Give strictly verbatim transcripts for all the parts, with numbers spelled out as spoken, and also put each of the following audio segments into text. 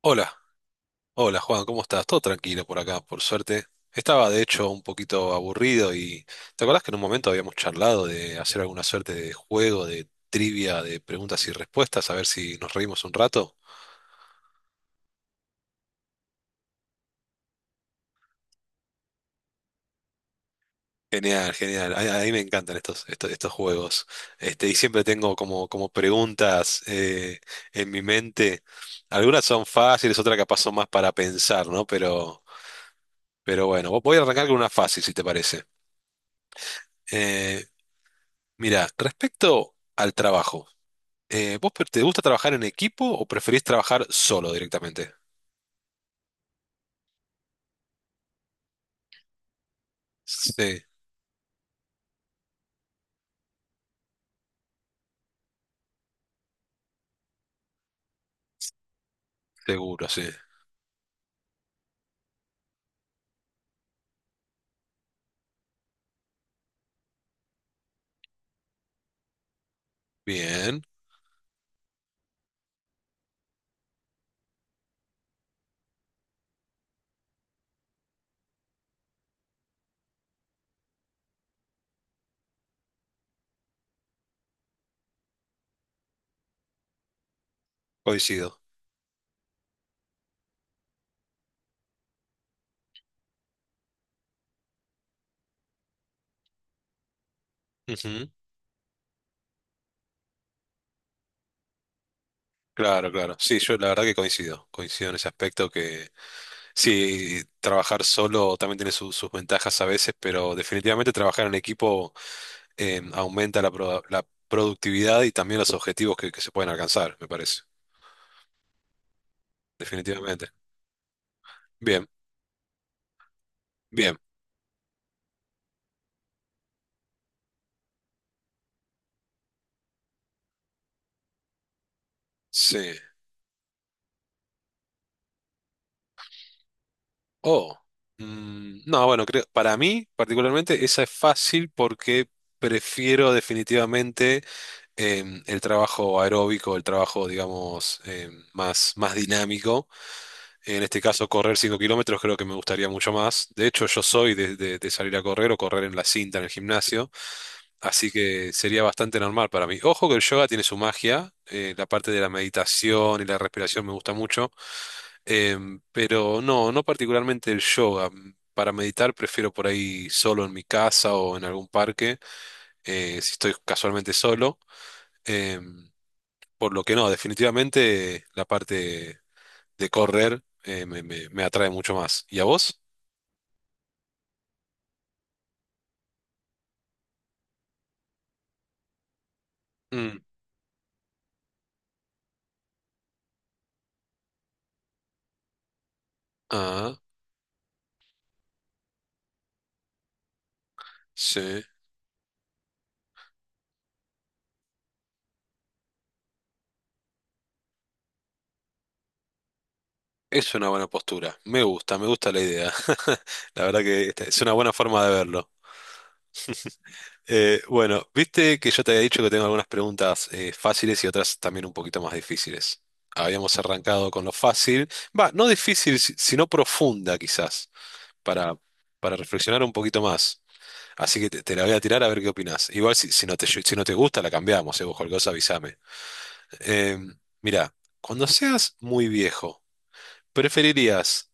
Hola, hola Juan, ¿cómo estás? Todo tranquilo por acá, por suerte. Estaba de hecho un poquito aburrido y ¿te acordás que en un momento habíamos charlado de hacer alguna suerte de juego, de trivia, de preguntas y respuestas, a ver si nos reímos un rato? Genial, genial. A, a mí me encantan estos, estos, estos juegos. Este, y siempre tengo como, como preguntas eh, en mi mente. Algunas son fáciles, otras capaz son más para pensar, ¿no? Pero, pero bueno, voy a arrancar con una fácil, si te parece. Eh, Mira, respecto al trabajo, eh, ¿vos pre- te gusta trabajar en equipo o preferís trabajar solo directamente? Sí, seguro, sí. Bien, coincido. Ujú, claro, claro. Sí, yo la verdad que coincido. Coincido en ese aspecto que sí, trabajar solo también tiene su- sus ventajas a veces, pero definitivamente trabajar en equipo eh, aumenta la, pro- la productividad y también los objetivos que, que se pueden alcanzar, me parece. Definitivamente. Bien, bien. Sí. Oh, mm, no, bueno, creo, para mí particularmente esa es fácil porque prefiero definitivamente em, el trabajo aeróbico, el trabajo, digamos, em, más, más dinámico. En este caso, correr cinco kilómetros creo que me gustaría mucho más. De hecho, yo soy de, de- de salir a correr o correr en la cinta en el gimnasio, así que sería bastante normal para mí. Ojo que el yoga tiene su magia, eh, la parte de la meditación y la respiración me gusta mucho, em, pero no, no particularmente el yoga. Para meditar prefiero por ahí solo en mi casa o en algún parque, eh, si estoy casualmente solo. em, por lo que no, definitivamente la parte de correr eh, me, me- me atrae mucho más. ¿Y a vos? Mm, ah, sí. Es una buena postura. Me gusta, me gusta la idea. La verdad que esta es una buena forma de verlo. Eh, bueno, viste que yo te había dicho que tengo algunas preguntas eh, fáciles y otras también un poquito más difíciles. Habíamos arrancado con lo fácil. Va, no difícil, si- sino profunda quizás, para, para reflexionar un poquito más. Así que te, te la voy a tirar a ver qué opinás. Igual si, si no te, si no te gusta, la cambiamos, eh, vos cualquier cosa avísame. Eh, Mira, cuando seas muy viejo, ¿preferirías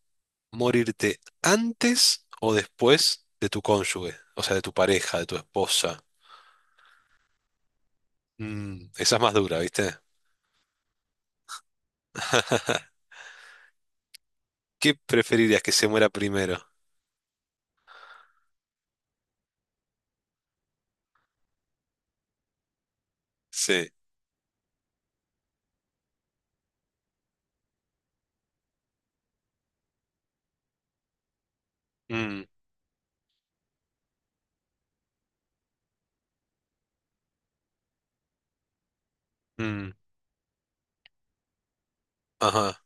morirte antes o después de tu cónyuge? O sea, de tu pareja, de tu esposa. Mm, esa es más dura, ¿viste? ¿Qué preferirías que se muera primero? Sí. Mm, mm, ajá,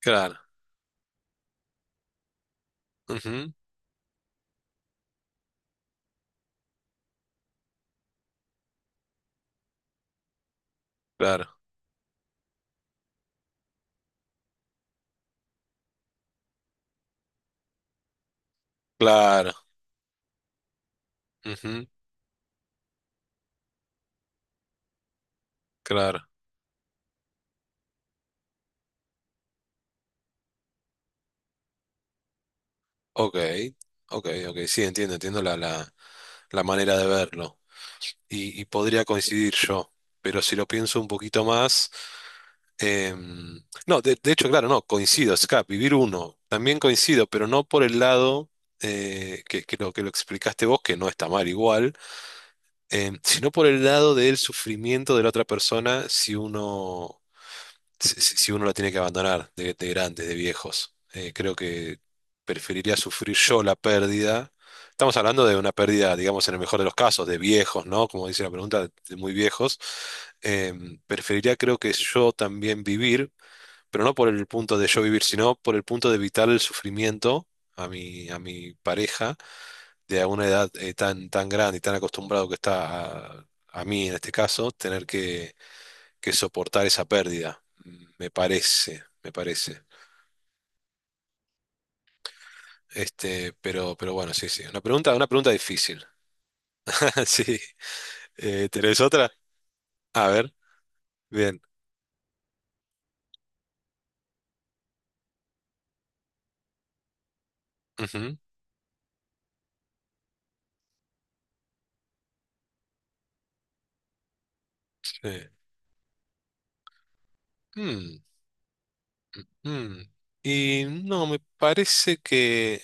claro. Ujú, claro, claro. Ujú, claro. Ok, ok, ok. Sí, entiendo, entiendo la, la, la manera de verlo. Y, y podría coincidir yo, pero si lo pienso un poquito más, em, no, de, de hecho, claro, no, coincido, Scap, vivir uno, también coincido, pero no por el lado eh, que, que lo, que lo explicaste vos, que no está mal igual, em, sino por el lado del sufrimiento de la otra persona si uno si, si- si uno la tiene que abandonar de, de grandes, de viejos. Eh, creo que preferiría sufrir yo la pérdida. Estamos hablando de una pérdida, digamos, en el mejor de los casos, de viejos, ¿no? Como dice la pregunta, de muy viejos. Em, preferiría, creo que yo también vivir, pero no por el punto de yo vivir, sino por el punto de evitar el sufrimiento a mi, a mi pareja de una edad eh, tan, tan grande y tan acostumbrado que está a, a mí en este caso, tener que que soportar esa pérdida, me parece, me parece. Este, pero, pero bueno, sí, sí. Una pregunta, una pregunta difícil. Sí. Eh, ¿tenés otra? A ver, bien. Ujú, sí. Mm, mm. Y no, me parece que,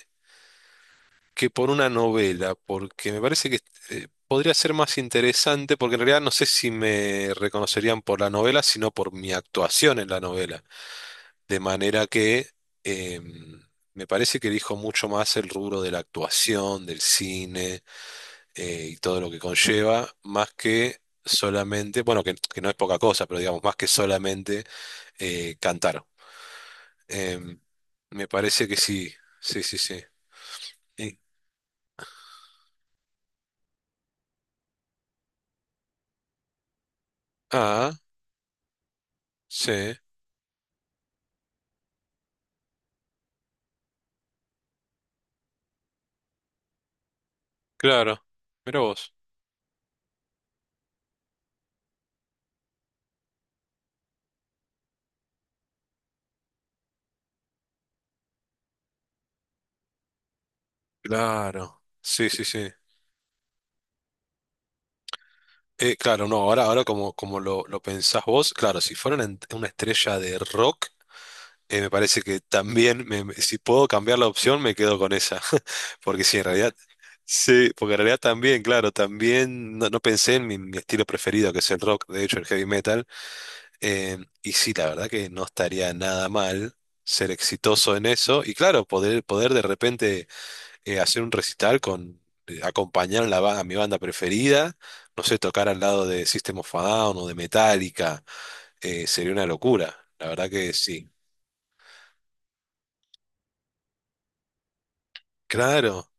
que por una novela, porque me parece que eh, podría ser más interesante, porque en realidad no sé si me reconocerían por la novela, sino por mi actuación en la novela. De manera que em, me parece que elijo mucho más el rubro de la actuación, del cine eh, y todo lo que conlleva, más que solamente, bueno, que, que no es poca cosa, pero digamos, más que solamente eh, cantar. Em, me parece que sí, sí, sí, sí. Y- ah, sí, claro. Mira vos. Claro, sí, sí, sí. Eh, claro, no, ahora, ahora como, como lo, lo pensás vos, claro, si fuera una, ent- una estrella de rock, Eh, me parece que también, me- me- si puedo cambiar la opción, me quedo con esa. Porque sí, en realidad, sí, porque en realidad también, claro, también no, no pensé en mi, mi estilo preferido, que es el rock, de hecho, el heavy metal. Eh, y sí, la verdad que no estaría nada mal ser exitoso en eso. Y claro, poder, poder de repente eh, hacer un recital con, eh, acompañar a, la ba- a mi banda preferida, no sé, tocar al lado de System of a Down o de Metallica, eh, sería una locura. La verdad que sí. Claro.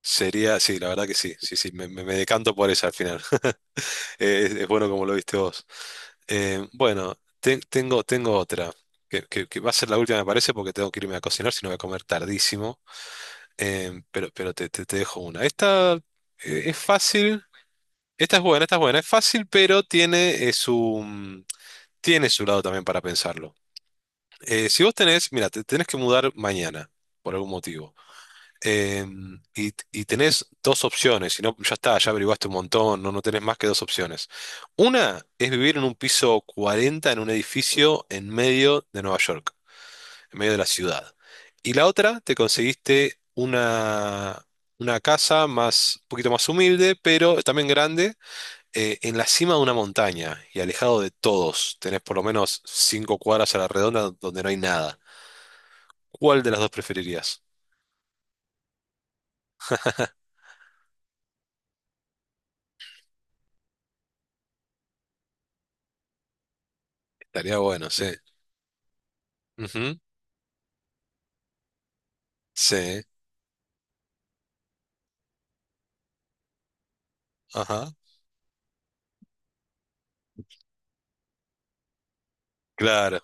Sería, sí, la verdad que sí, sí, sí, me, me- me decanto por esa al final. Eh, Es, es bueno como lo viste vos. Eh, bueno, te- tengo, tengo otra, que, que- que va a ser la última, me parece, porque tengo que irme a cocinar, si no voy a comer tardísimo. Eh, pero pero te, te- te dejo una. Esta eh, es fácil, esta es buena, esta es buena, es fácil, pero tiene eh, su, mm, tiene su lado también para pensarlo. Eh, si vos tenés, mira, te tenés que mudar mañana, por algún motivo. Eh, y, y tenés dos opciones, si no, ya está, ya averiguaste un montón, no, no tenés más que dos opciones. Una es vivir en un piso cuarenta en un edificio en medio de Nueva York, en medio de la ciudad. Y la otra, te conseguiste una, una casa más, un poquito más humilde, pero también grande, eh, en la cima de una montaña y alejado de todos. Tenés por lo menos cinco cuadras a la redonda donde no hay nada. ¿Cuál de las dos preferirías? Estaría bueno, sí. Ujú, sí. Ajá, claro,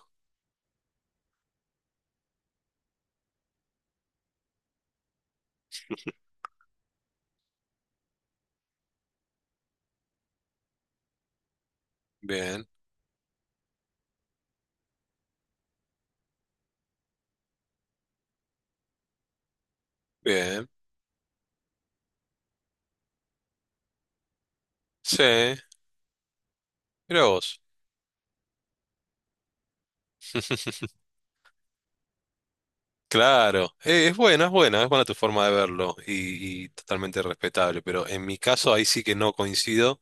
bien, bien. Sí, mira vos. Claro, eh, es buena, es buena, es buena tu forma de verlo y, y totalmente respetable, pero en mi caso ahí sí que no coincido.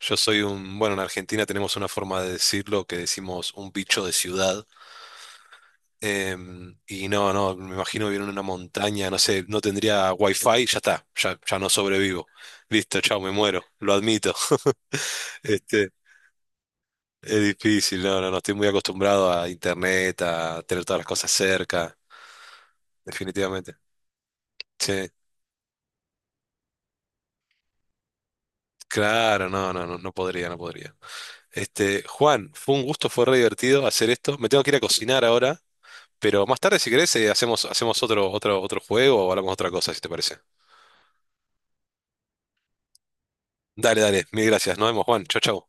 Yo soy un, bueno, en Argentina tenemos una forma de decirlo que decimos un bicho de ciudad em, y no, no, me imagino vivir en una montaña, no sé, no tendría wifi, ya está, ya, ya no sobrevivo. Listo, chao, me muero, lo admito. Es difícil, no, no, no, estoy muy acostumbrado a internet, a tener todas las cosas cerca, definitivamente. Sí, claro, no, no, no, no podría, no podría. Este, Juan, fue un gusto, fue re divertido hacer esto. Me tengo que ir a cocinar ahora, pero más tarde, si querés, eh, hacemos, hacemos otro, otro, otro juego o hablamos de otra cosa, si te parece. Dale, dale, mil gracias. Nos vemos, Juan. Chau, chau.